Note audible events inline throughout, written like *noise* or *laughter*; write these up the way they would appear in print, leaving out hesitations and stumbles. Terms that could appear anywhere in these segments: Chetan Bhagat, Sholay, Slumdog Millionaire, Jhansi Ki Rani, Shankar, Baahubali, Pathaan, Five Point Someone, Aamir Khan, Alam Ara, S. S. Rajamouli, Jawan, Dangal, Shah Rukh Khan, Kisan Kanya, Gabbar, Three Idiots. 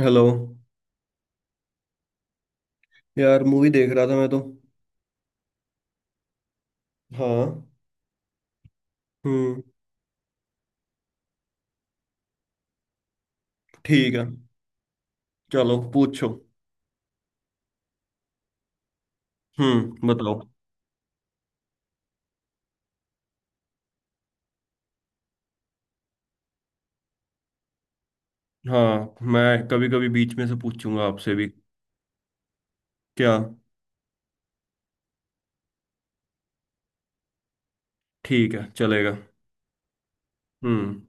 Hello. यार movie देख रहा था मैं तो। हाँ। हम्म। ठीक है, चलो पूछो। हम्म, बताओ। हाँ, मैं कभी कभी बीच में से पूछूंगा आपसे भी। क्या? ठीक है, चलेगा। हम्म।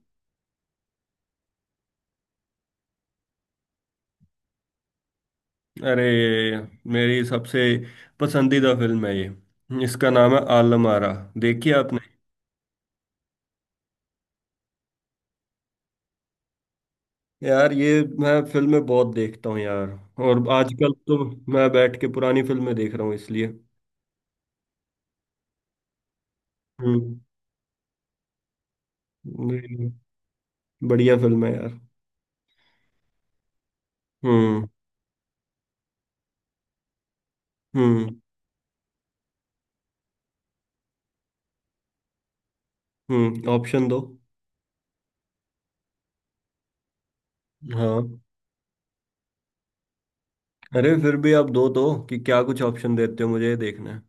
अरे, मेरी सबसे पसंदीदा फिल्म है ये। इसका नाम है आलम आरा। देखी आपने? यार ये मैं फिल्में बहुत देखता हूँ यार। और आजकल तो मैं बैठ के पुरानी फिल्में देख रहा हूँ इसलिए। हम्म। नहीं, नहीं, बढ़िया फिल्म है यार। हम्म, हम्म, हम्म। ऑप्शन दो। हाँ। अरे फिर भी आप दो दो कि क्या कुछ ऑप्शन देते हो मुझे, ये देखना है।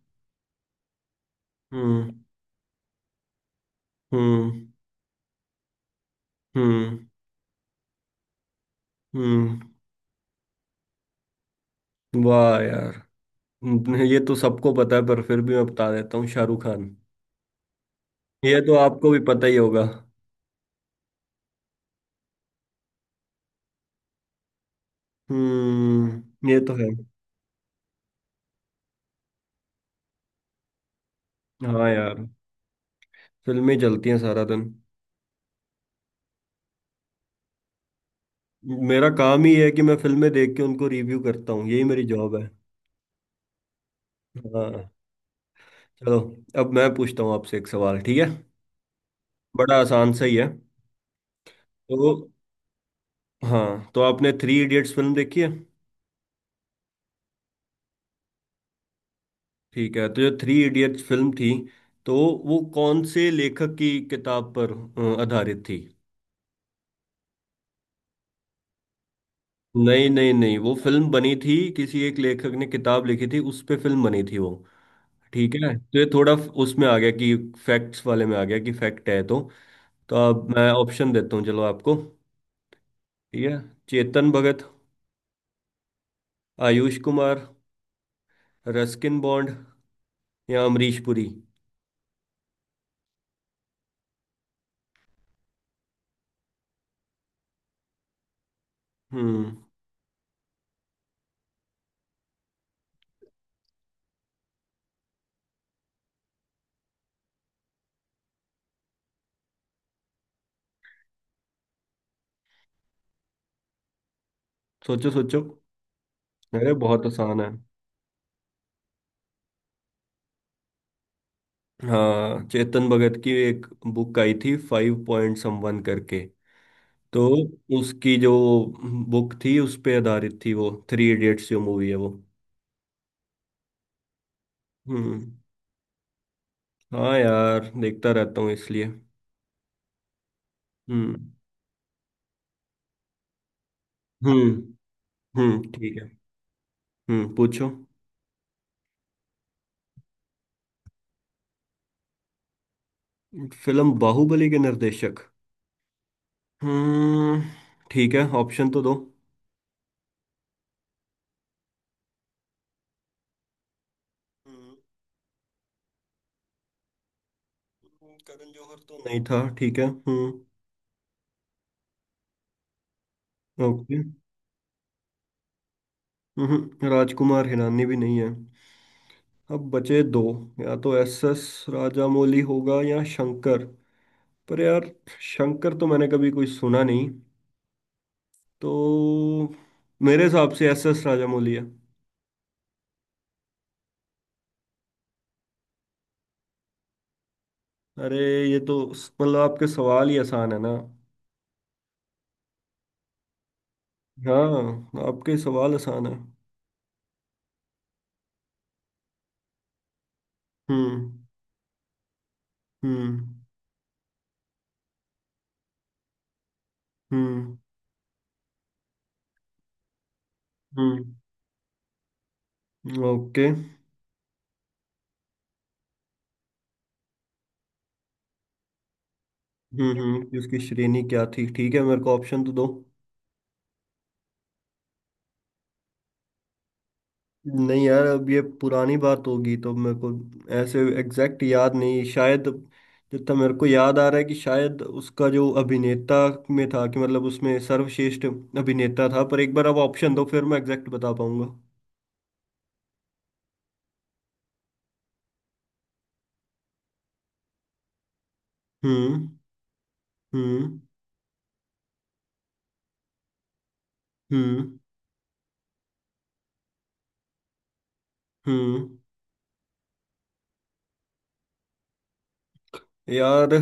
हम्म, हम्म, हम्म, हम्म। वाह यार। ये तो सबको पता है पर फिर भी मैं बता देता हूँ, शाहरुख खान। ये तो आपको भी पता ही होगा। हम्म, ये तो है। हाँ यार, फिल्में चलती हैं सारा दिन। मेरा काम ही है कि मैं फिल्में देख के उनको रिव्यू करता हूँ, यही मेरी जॉब है। हाँ। चलो, अब मैं पूछता हूँ आपसे एक सवाल, ठीक है। बड़ा आसान सा ही है। तो हाँ, तो आपने थ्री इडियट्स फिल्म देखी है। ठीक है, तो जो थ्री इडियट्स फिल्म थी, तो वो कौन से लेखक की किताब पर आधारित थी? नहीं नहीं नहीं, वो फिल्म बनी थी, किसी एक लेखक ने किताब लिखी थी उस पे फिल्म बनी थी वो। ठीक है, तो ये थोड़ा उसमें आ गया कि फैक्ट्स वाले में आ गया कि फैक्ट है, तो अब मैं ऑप्शन देता हूँ चलो आपको। ठीक है। चेतन भगत, आयुष कुमार, रस्किन बॉन्ड या अमरीश पुरी। हम्म, सोचो सोचो। अरे बहुत आसान है। हाँ, चेतन भगत की एक बुक आई थी, फाइव पॉइंट समवन करके। तो उसकी जो बुक थी उस पे आधारित थी वो थ्री इडियट्स जो मूवी है वो। हम्म। हाँ यार, देखता रहता हूँ इसलिए। हम्म, हम्म, हम्म। ठीक है। हम्म, पूछो। फिल्म बाहुबली के निर्देशक। हम्म। ठीक है, ऑप्शन तो दो। हम्म, करण जौहर तो नहीं था, ठीक है हम्म। ओके। हम्म, राजकुमार हिरानी भी नहीं है। अब बचे दो, या तो एस एस राजामौली होगा या शंकर। पर यार, शंकर तो मैंने कभी कोई सुना नहीं। तो मेरे हिसाब से एस एस राजामौली है। अरे ये तो, मतलब आपके सवाल ही आसान है ना। हाँ, आपके सवाल आसान है। हम्म, हम्म, हम्म, हम्म। ओके। हम्म, हम्म, इसकी श्रेणी क्या थी, ठीक है, मेरे को ऑप्शन तो दो। नहीं यार, अब ये पुरानी बात होगी तो मेरे को ऐसे एग्जैक्ट याद नहीं शायद। जितना मेरे को याद आ रहा है कि शायद उसका जो अभिनेता में था, कि मतलब उसमें सर्वश्रेष्ठ अभिनेता था, पर एक बार अब ऑप्शन दो फिर मैं एग्जैक्ट बता पाऊंगा। हम्म, हम्म, हम्म, हम्म। यार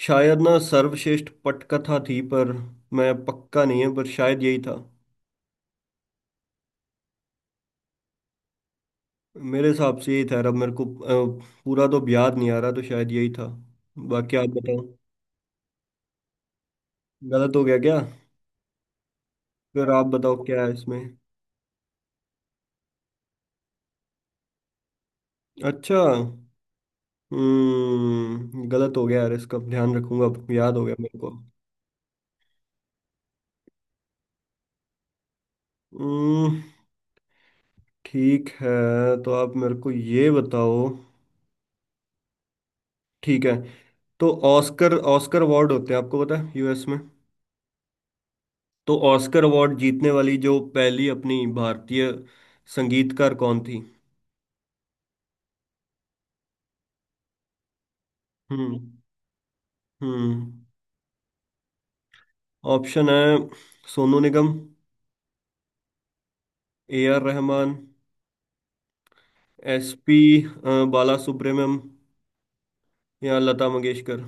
शायद ना सर्वश्रेष्ठ पटकथा थी, पर मैं पक्का नहीं है, पर शायद यही था। मेरे हिसाब से यही था यार, अब मेरे को पूरा तो अब याद नहीं आ रहा, तो शायद यही था। बाकी आप बताओ। गलत हो गया क्या? फिर आप बताओ क्या है इसमें। अच्छा। हम्म, गलत हो गया यार, इसका ध्यान रखूंगा, अब याद हो गया मेरे को। हम्म, ठीक है। तो आप मेरे को ये बताओ, ठीक है, तो ऑस्कर ऑस्कर अवार्ड होते हैं, आपको पता है, यूएस में। तो ऑस्कर अवार्ड जीतने वाली जो पहली अपनी भारतीय संगीतकार कौन थी? हम्म, हम्म, ऑप्शन है। Sonu Nigam, A R Rahman, S P Bala Subrahmanyam या लता मंगेशकर।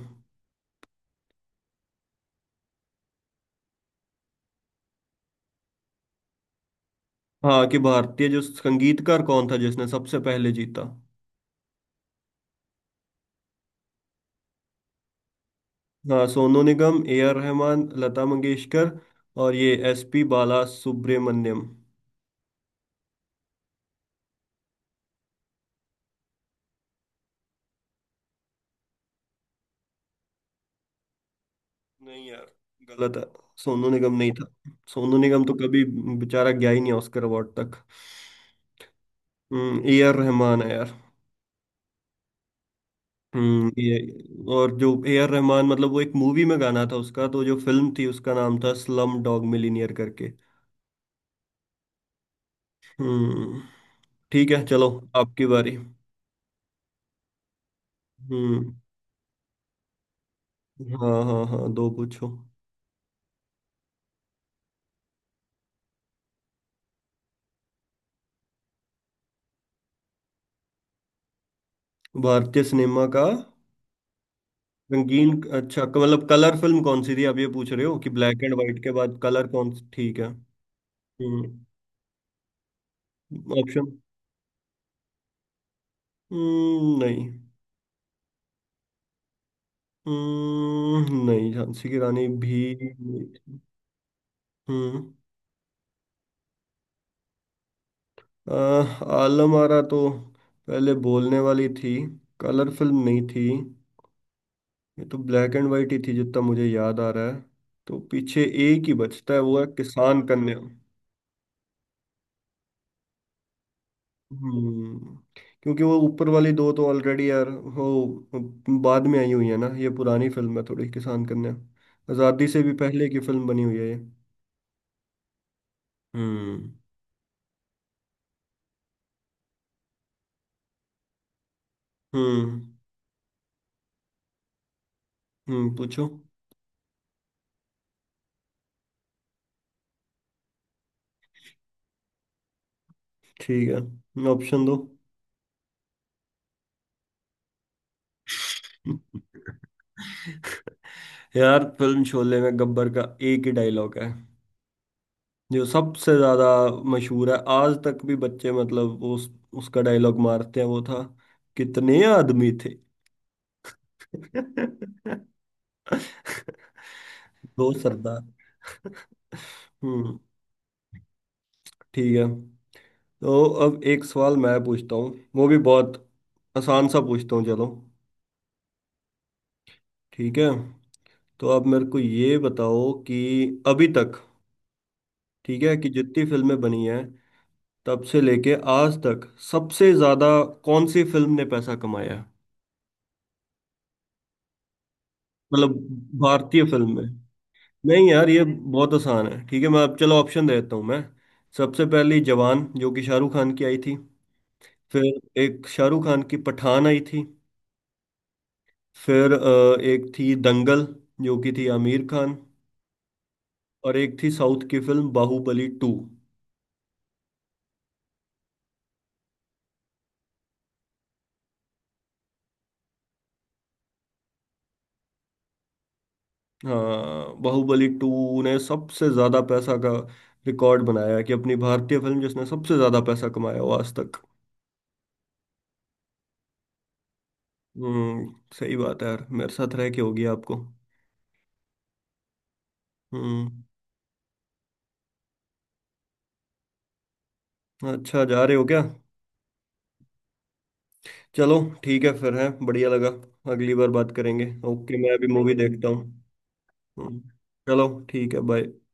हाँ, कि भारतीय जो संगीतकार कौन था जिसने सबसे पहले जीता। हाँ, सोनू निगम, ए आर रहमान, लता मंगेशकर और ये एस पी बाला सुब्रमण्यम। नहीं यार, गलत है। सोनू निगम नहीं था। सोनू निगम तो कभी बेचारा गया ही नहीं ऑस्कर अवार्ड तक। हम्म, ए आर रहमान है यार। हम्म, ये। और जो ए आर रहमान, मतलब वो एक मूवी में गाना था उसका, तो जो फिल्म थी उसका नाम था स्लम डॉग मिलीनियर करके। हम्म, ठीक है चलो, आपकी बारी। हम्म, हाँ हाँ हाँ, दो पूछो। भारतीय सिनेमा का रंगीन, अच्छा, मतलब कलर फिल्म कौन सी थी आप ये पूछ रहे हो, कि ब्लैक एंड व्हाइट के बाद कलर कौन सी, ठीक है। हम्म। ऑप्शन। हम्म, नहीं। हम्म, नहीं, झांसी की रानी भी नहीं। हम्म। आह, आलम आरा तो पहले बोलने वाली थी, कलर फिल्म नहीं थी, ये तो ब्लैक एंड व्हाइट ही थी जितना मुझे याद आ रहा है। तो पीछे एक ही बचता है, वो है किसान कन्या। हम्म। क्योंकि वो ऊपर वाली दो तो ऑलरेडी यार वो बाद में आई हुई है ना, ये पुरानी फिल्म है थोड़ी किसान कन्या। आज़ादी से भी पहले की फिल्म बनी हुई है ये। हम्म, हम्म। हम्म, पूछो। ठीक है, ऑप्शन दो। *laughs* यार फिल्म शोले में गब्बर का एक ही डायलॉग है जो सबसे ज्यादा मशहूर है, आज तक भी बच्चे, मतलब उस उसका डायलॉग मारते हैं, वो था, कितने आदमी थे। *laughs* दो सरदार। हम्म। ठीक है। तो अब एक सवाल मैं पूछता हूँ, वो भी बहुत आसान सा पूछता हूँ, चलो, ठीक है। तो अब मेरे को ये बताओ कि अभी तक, ठीक है, कि जितनी फिल्में बनी हैं तब से लेके आज तक, सबसे ज्यादा कौन सी फिल्म ने पैसा कमाया है? मतलब भारतीय फिल्म में। नहीं यार ये बहुत आसान है, ठीक है, मैं अब चलो ऑप्शन दे देता हूँ मैं। सबसे पहली जवान, जो कि शाहरुख खान की आई थी। फिर एक शाहरुख खान की पठान आई थी। फिर एक थी दंगल, जो कि थी आमिर खान। और एक थी साउथ की फिल्म बाहुबली टू। हाँ, बाहुबली टू ने सबसे ज्यादा पैसा का रिकॉर्ड बनाया कि अपनी भारतीय फिल्म जिसने सबसे ज्यादा पैसा कमाया हो आज तक। हम्म, सही बात है यार, मेरे साथ रह के होगी आपको। हम्म। अच्छा, जा रहे हो क्या? चलो, ठीक है फिर है, बढ़िया लगा। अगली बार बात करेंगे, ओके, मैं अभी मूवी देखता हूँ। हम्म, चलो ठीक है, बाय।